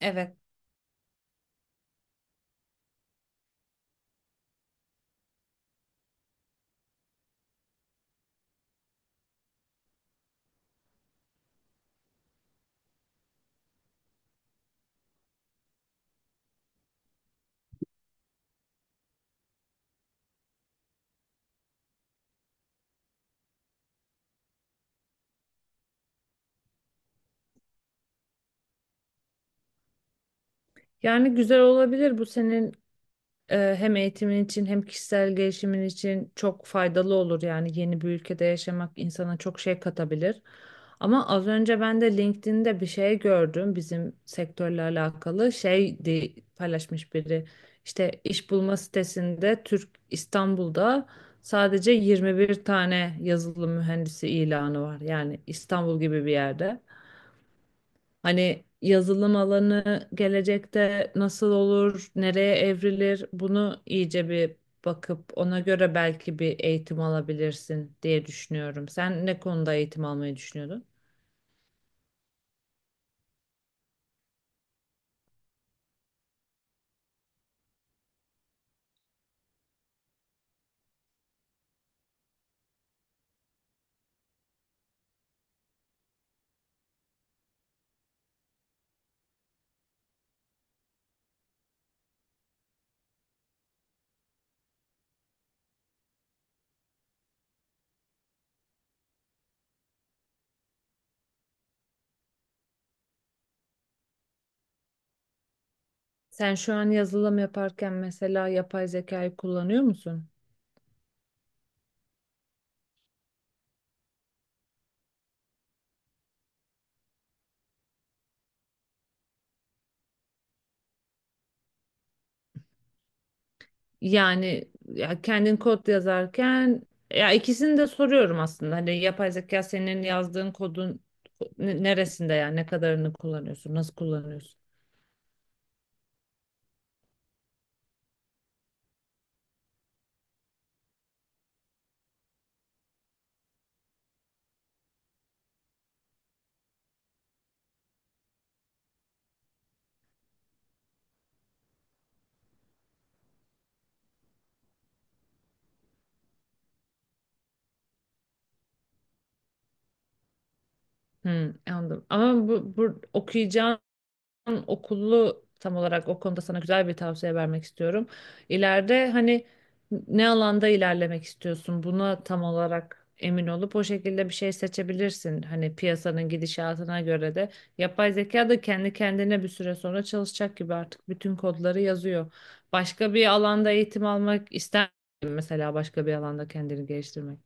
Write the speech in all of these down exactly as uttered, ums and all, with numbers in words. Evet. Yani güzel olabilir. Bu senin e, hem eğitimin için hem kişisel gelişimin için çok faydalı olur. Yani yeni bir ülkede yaşamak insana çok şey katabilir. Ama az önce ben de LinkedIn'de bir şey gördüm bizim sektörle alakalı. Şey diye paylaşmış biri. İşte iş bulma sitesinde Türk İstanbul'da sadece yirmi bir tane yazılım mühendisi ilanı var. Yani İstanbul gibi bir yerde. Hani yazılım alanı gelecekte nasıl olur, nereye evrilir bunu iyice bir bakıp ona göre belki bir eğitim alabilirsin diye düşünüyorum. Sen ne konuda eğitim almayı düşünüyordun? Sen şu an yazılım yaparken mesela yapay zekayı kullanıyor musun? Yani ya kendin kod yazarken ya ikisini de soruyorum aslında. Hani yapay zeka senin yazdığın kodun ne- neresinde yani ne kadarını kullanıyorsun, nasıl kullanıyorsun? Hmm, anladım. Ama bu, bu okuyacağın okulu tam olarak o konuda sana güzel bir tavsiye vermek istiyorum. İleride hani ne alanda ilerlemek istiyorsun buna tam olarak emin olup o şekilde bir şey seçebilirsin. Hani piyasanın gidişatına göre de yapay zeka da kendi kendine bir süre sonra çalışacak gibi artık bütün kodları yazıyor. Başka bir alanda eğitim almak ister misin mesela başka bir alanda kendini geliştirmek?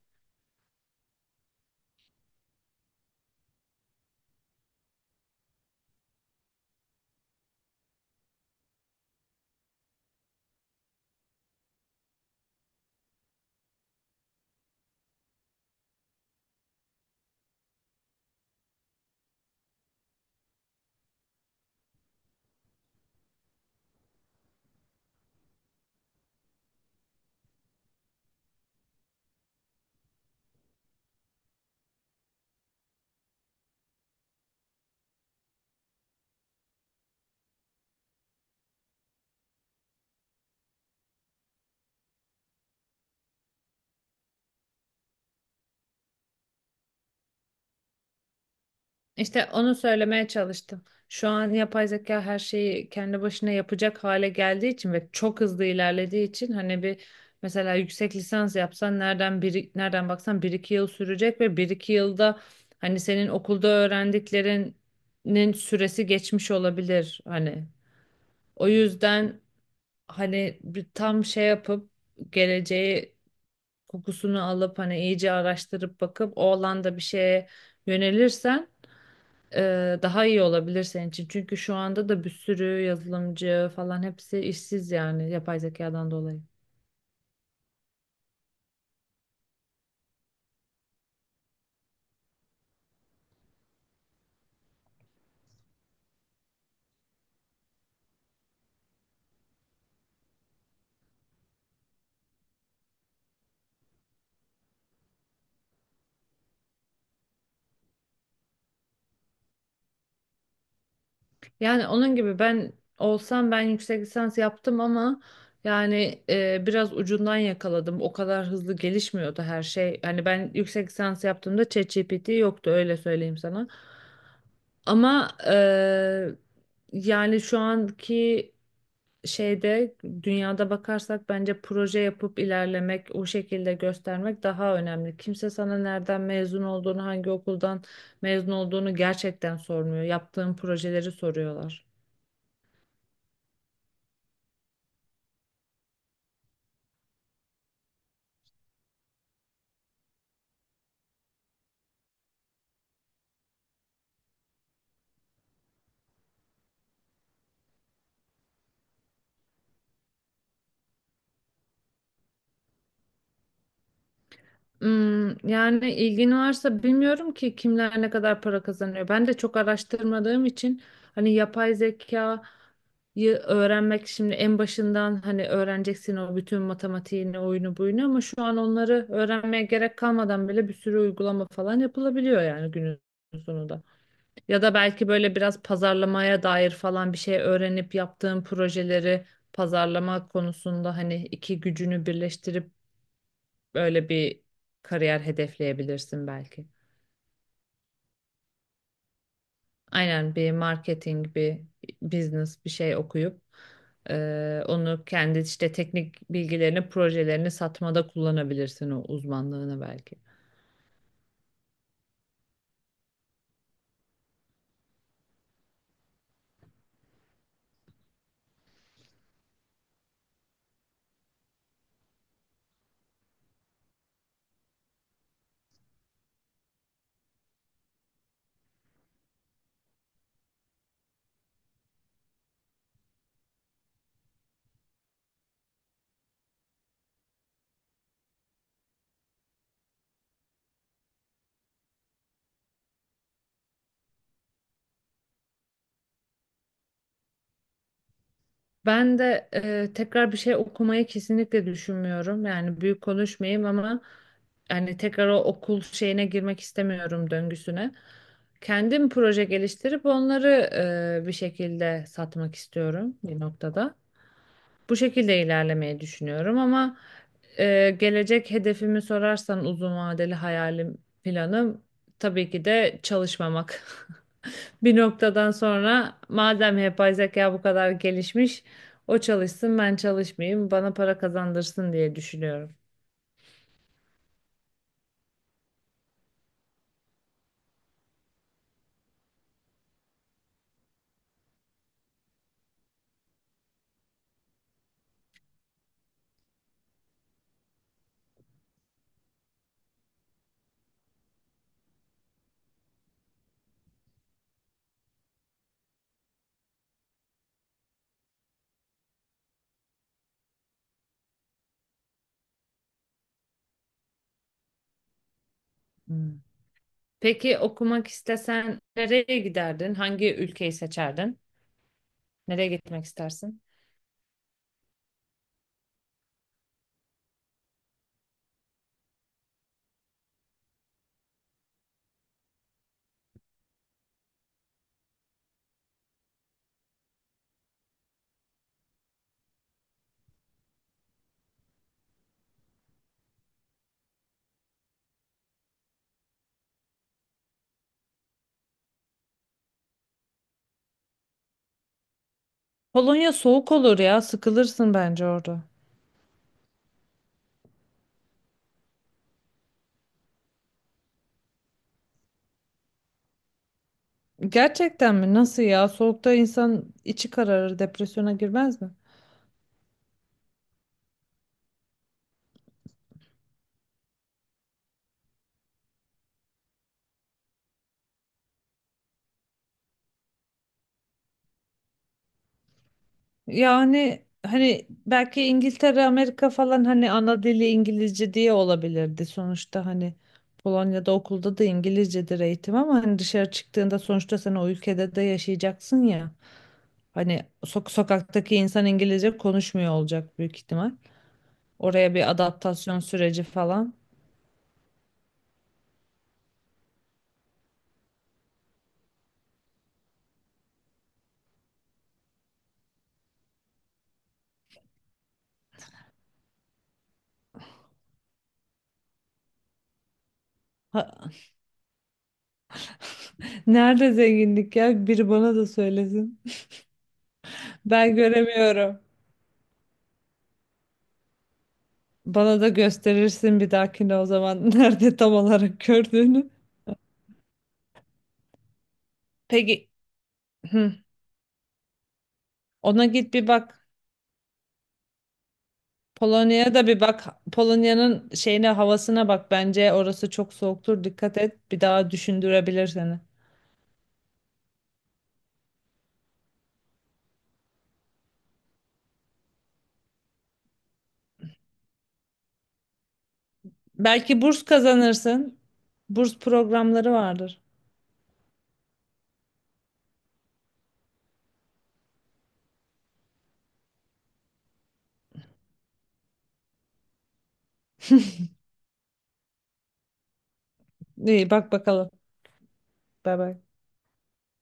İşte onu söylemeye çalıştım. Şu an yapay zeka her şeyi kendi başına yapacak hale geldiği için ve çok hızlı ilerlediği için hani bir mesela yüksek lisans yapsan nereden bir nereden baksan bir iki yıl sürecek ve bir iki yılda hani senin okulda öğrendiklerinin süresi geçmiş olabilir hani. O yüzden hani bir tam şey yapıp geleceği kokusunu alıp hani iyice araştırıp bakıp o alanda bir şeye yönelirsen e, daha iyi olabilir senin için. Çünkü şu anda da bir sürü yazılımcı falan hepsi işsiz yani yapay zekadan dolayı. Yani onun gibi ben olsam ben yüksek lisans yaptım ama yani e, biraz ucundan yakaladım. O kadar hızlı gelişmiyordu her şey. Hani ben yüksek lisans yaptığımda çet gpt yoktu öyle söyleyeyim sana. Ama e, yani şu anki şeyde dünyada bakarsak bence proje yapıp ilerlemek, o şekilde göstermek daha önemli. Kimse sana nereden mezun olduğunu, hangi okuldan mezun olduğunu gerçekten sormuyor. Yaptığın projeleri soruyorlar. Hmm, yani ilgin varsa bilmiyorum ki kimler ne kadar para kazanıyor. Ben de çok araştırmadığım için hani yapay zekayı öğrenmek şimdi en başından hani öğreneceksin o bütün matematiğini, oyunu buyunu ama şu an onları öğrenmeye gerek kalmadan bile bir sürü uygulama falan yapılabiliyor yani günün sonunda. Ya da belki böyle biraz pazarlamaya dair falan bir şey öğrenip yaptığın projeleri pazarlama konusunda hani iki gücünü birleştirip böyle bir kariyer hedefleyebilirsin belki. Aynen bir marketing, bir business bir şey okuyup eee, onu kendi işte teknik bilgilerini, projelerini satmada kullanabilirsin o uzmanlığını belki. Ben de eee, tekrar bir şey okumayı kesinlikle düşünmüyorum. Yani büyük konuşmayayım ama yani tekrar o okul şeyine girmek istemiyorum döngüsüne. Kendim proje geliştirip onları eee, bir şekilde satmak istiyorum bir noktada. Bu şekilde ilerlemeyi düşünüyorum ama e, gelecek hedefimi sorarsan uzun vadeli hayalim planım tabii ki de çalışmamak. Bir noktadan sonra madem yapay zeka bu kadar gelişmiş, o çalışsın ben çalışmayayım, bana para kazandırsın diye düşünüyorum. Hmm. Peki okumak istesen nereye giderdin? Hangi ülkeyi seçerdin? Nereye gitmek istersin? Polonya soğuk olur ya, sıkılırsın bence orada. Gerçekten mi? Nasıl ya? Soğukta insan içi kararır, depresyona girmez mi? Yani hani belki İngiltere, Amerika falan hani ana dili İngilizce diye olabilirdi. Sonuçta hani Polonya'da okulda da İngilizcedir eğitim ama hani dışarı çıktığında sonuçta sen o ülkede de yaşayacaksın ya. Hani sok sokaktaki insan İngilizce konuşmuyor olacak büyük ihtimal. Oraya bir adaptasyon süreci falan. Ha, nerede zenginlik ya? Biri bana da söylesin. Ben göremiyorum. Bana da gösterirsin bir dahakine o zaman nerede tam olarak gördüğünü. Peki hı, ona git bir bak. Polonya'ya da bir bak. Polonya'nın şeyine havasına bak. Bence orası çok soğuktur. Dikkat et. Bir daha düşündürebilir seni. Belki burs kazanırsın. Burs programları vardır. İyi bak bakalım. Bay bay.